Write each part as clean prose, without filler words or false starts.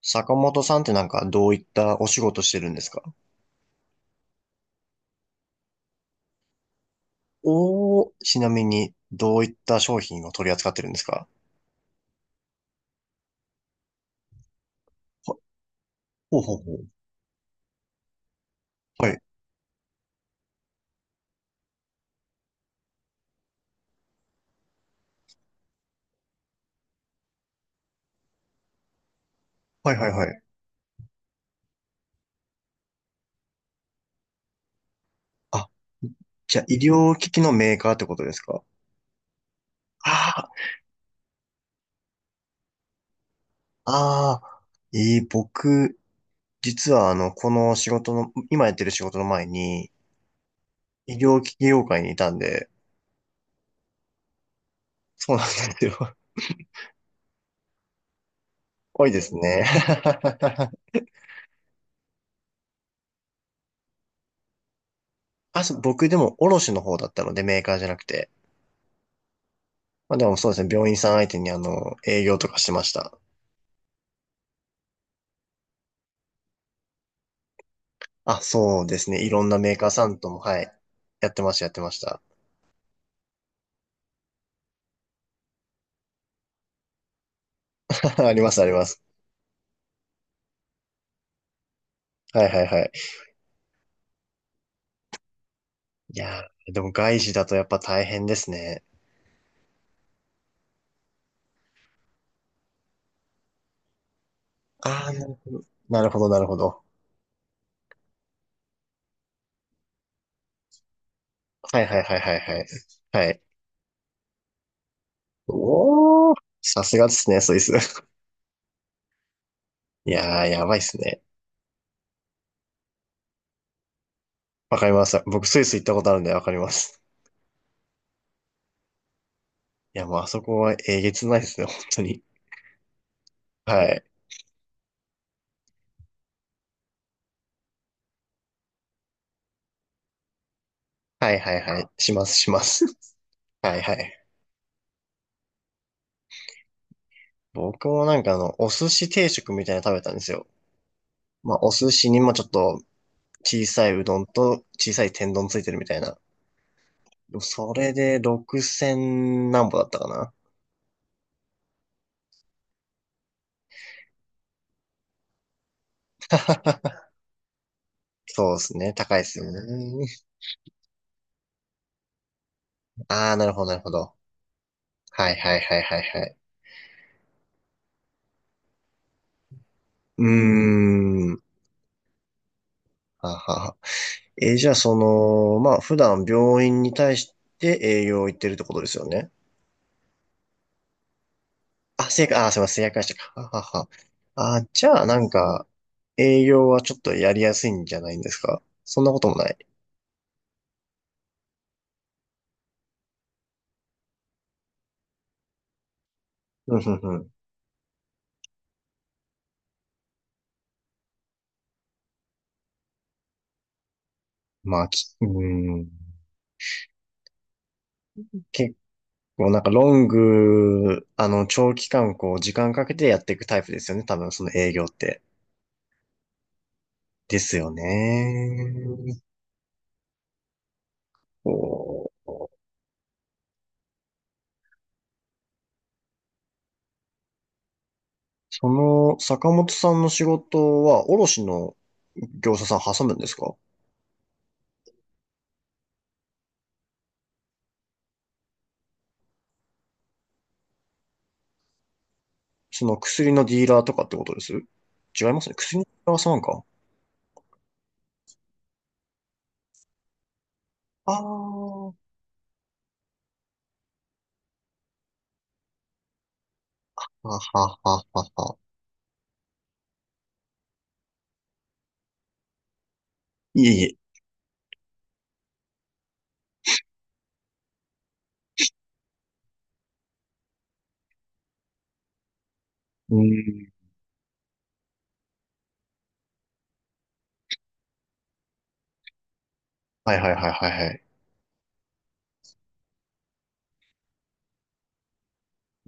坂本さんってなんかどういったお仕事してるんですか？おー、ちなみにどういった商品を取り扱ってるんですか？ほほうほうほう。はい。はいはいはい。あ、じゃあ医療機器のメーカーってことですか？ああ、ああ、えー僕、実はこの仕事の、今やってる仕事の前に医療機器業界にいたんで、そうなんですよ。多いですね。あ、そう、僕でも卸の方だったのでメーカーじゃなくて。まあでもそうですね、病院さん相手に営業とかしてました。あ、そうですね、いろんなメーカーさんとも、はい、やってました、やってました。あります、あります。はいはいはい。いやー、でも外資だとやっぱ大変ですね。ああなるほど、なるほど。はいはいはいはいはい。はい。おー、さすがですね、スイス。いやー、やばいっすね。わかります。僕、スイス行ったことあるんでわかります。いや、もうあそこはえげつないですね、本当に。はい。はいはいはい。します、します。はいはい。僕もなんかお寿司定食みたいなの食べたんですよ。まあ、お寿司にもちょっと小さいうどんと小さい天丼ついてるみたいな。それで6000何歩だったかな。そうですね。高いですよね。ああ、なるほど、なるほど。はいはいはいはいはい。うーん。ははは。じゃあ、まあ、普段病院に対して営業行ってるってことですよね？あ、正解、あ、すいません、製薬したか。ははは。あ、じゃあ、なんか、営業はちょっとやりやすいんじゃないんですか？そんなこともない。うん、うん、うん。まあ、き、うーん。結構、なんか、ロング、長期間、こう、時間かけてやっていくタイプですよね。多分、その営業って。ですよね。こう、その、坂本さんの仕事は、卸の業者さん挟むんですか？その薬のディーラーとかってことです違いますね。薬のディーラーさんか。ああ、ははははは。いえいえ。うーん。はいはいはいはいはい。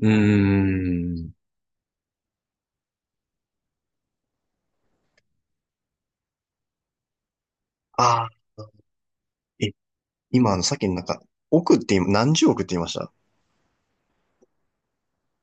うーん。ああ、え、今さっきのなんか、億って今、何十億って言いました？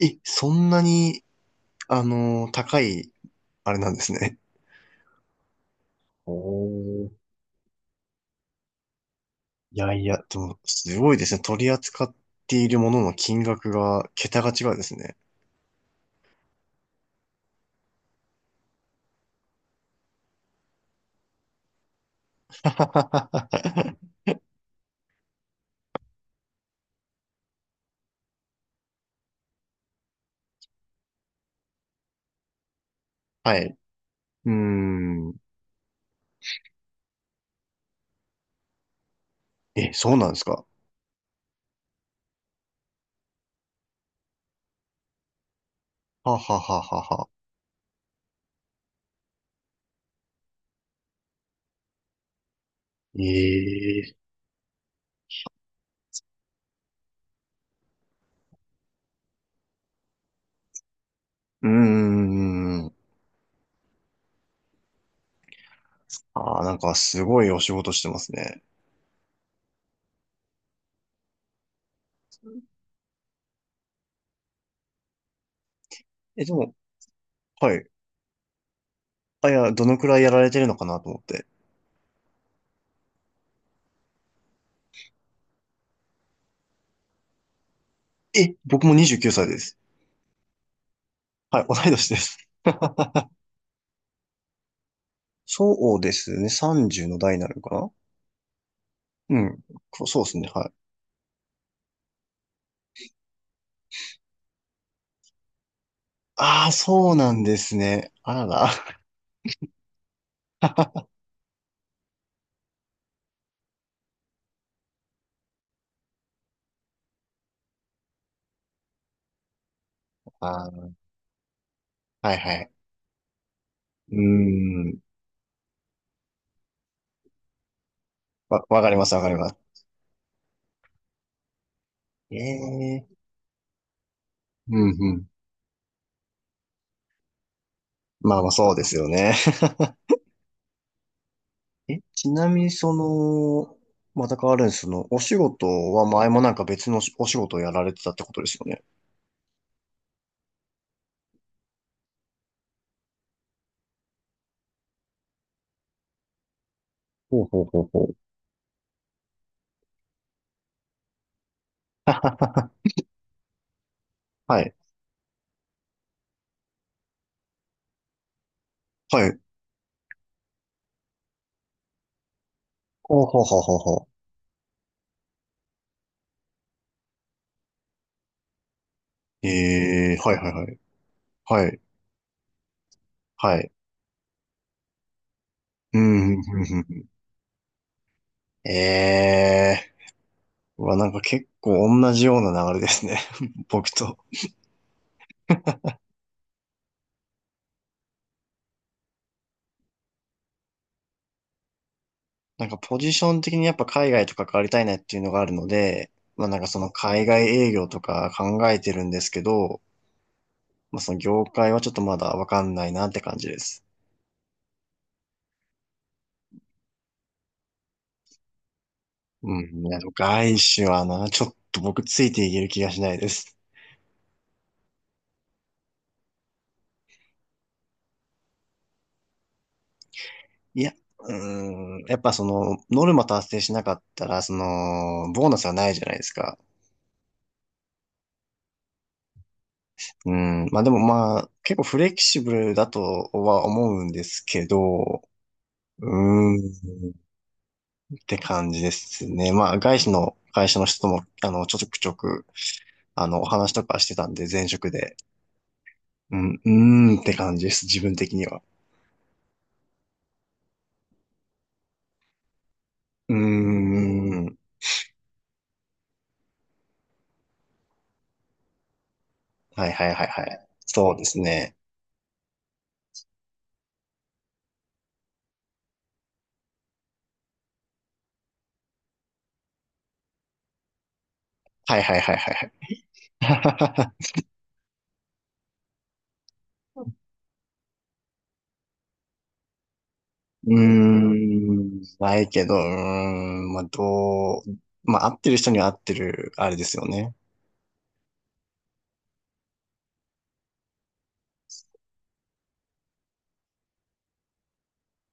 え、そんなに、高い、あれなんですね。おー。いやいや、でも、すごいですね。取り扱っているものの金額が、桁が違うですね。はい。うーん。え、そうなんですか？はははははは。ええうーん。ああ、なんかすごいお仕事してますね。え、でも、はい。あ、いや、どのくらいやられてるのかなと思って。え、僕も29歳です。はい、同い年です。そうですね。30の代になるのかな？うん。こそうですね。はい。ああ、そうなんですね。あらら。あー、はいはい。うーん。わ、わかります、わかります。ええうん、うん。まあまあ、そうですよね。え、ちなみにその、また変わるんです？そのお仕事は前もなんか別のお仕事をやられてたってことですよね？ほうほうほうほう。はい。はい。ほうほうほうほうほうええー、はいはいはい。はい。はい。うん、うん、うん。うんええー。うわ、なんか結構同じような流れですね。僕と。なんかポジション的にやっぱ海外とか変わりたいなっていうのがあるので、まあなんかその海外営業とか考えてるんですけど、まあ、その業界はちょっとまだわかんないなって感じです。うん、いや、外資はな、ちょっと僕ついていける気がしないです。いや、うーん、やっぱその、ノルマ達成しなかったら、その、ボーナスはないじゃないですか。うん、まあでもまあ、結構フレキシブルだとは思うんですけど、うーん、って感じですね。まあ、外資の会社の人とも、ちょくちょく、お話とかしてたんで、前職で。うん、うーんって感じです、自分的には。うーん。はいはいはいはい。そうですね。はいはいはいはいはい。うーん。ないけど、うーん。まあ、どう、まあ、合ってる人には合ってる、あれですよね。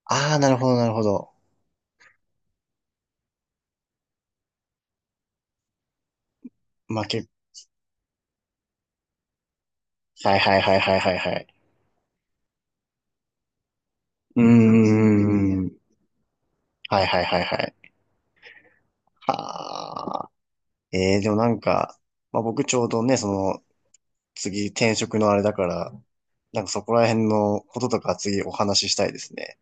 ああ、なるほどなるほど。まあ、け、はいはいはいはいはいはい。うーん。はいはいはいはい。はあ。ええー、でもなんか、まあ、僕ちょうどね、その、次転職のあれだから、なんかそこら辺のこととか次お話ししたいですね。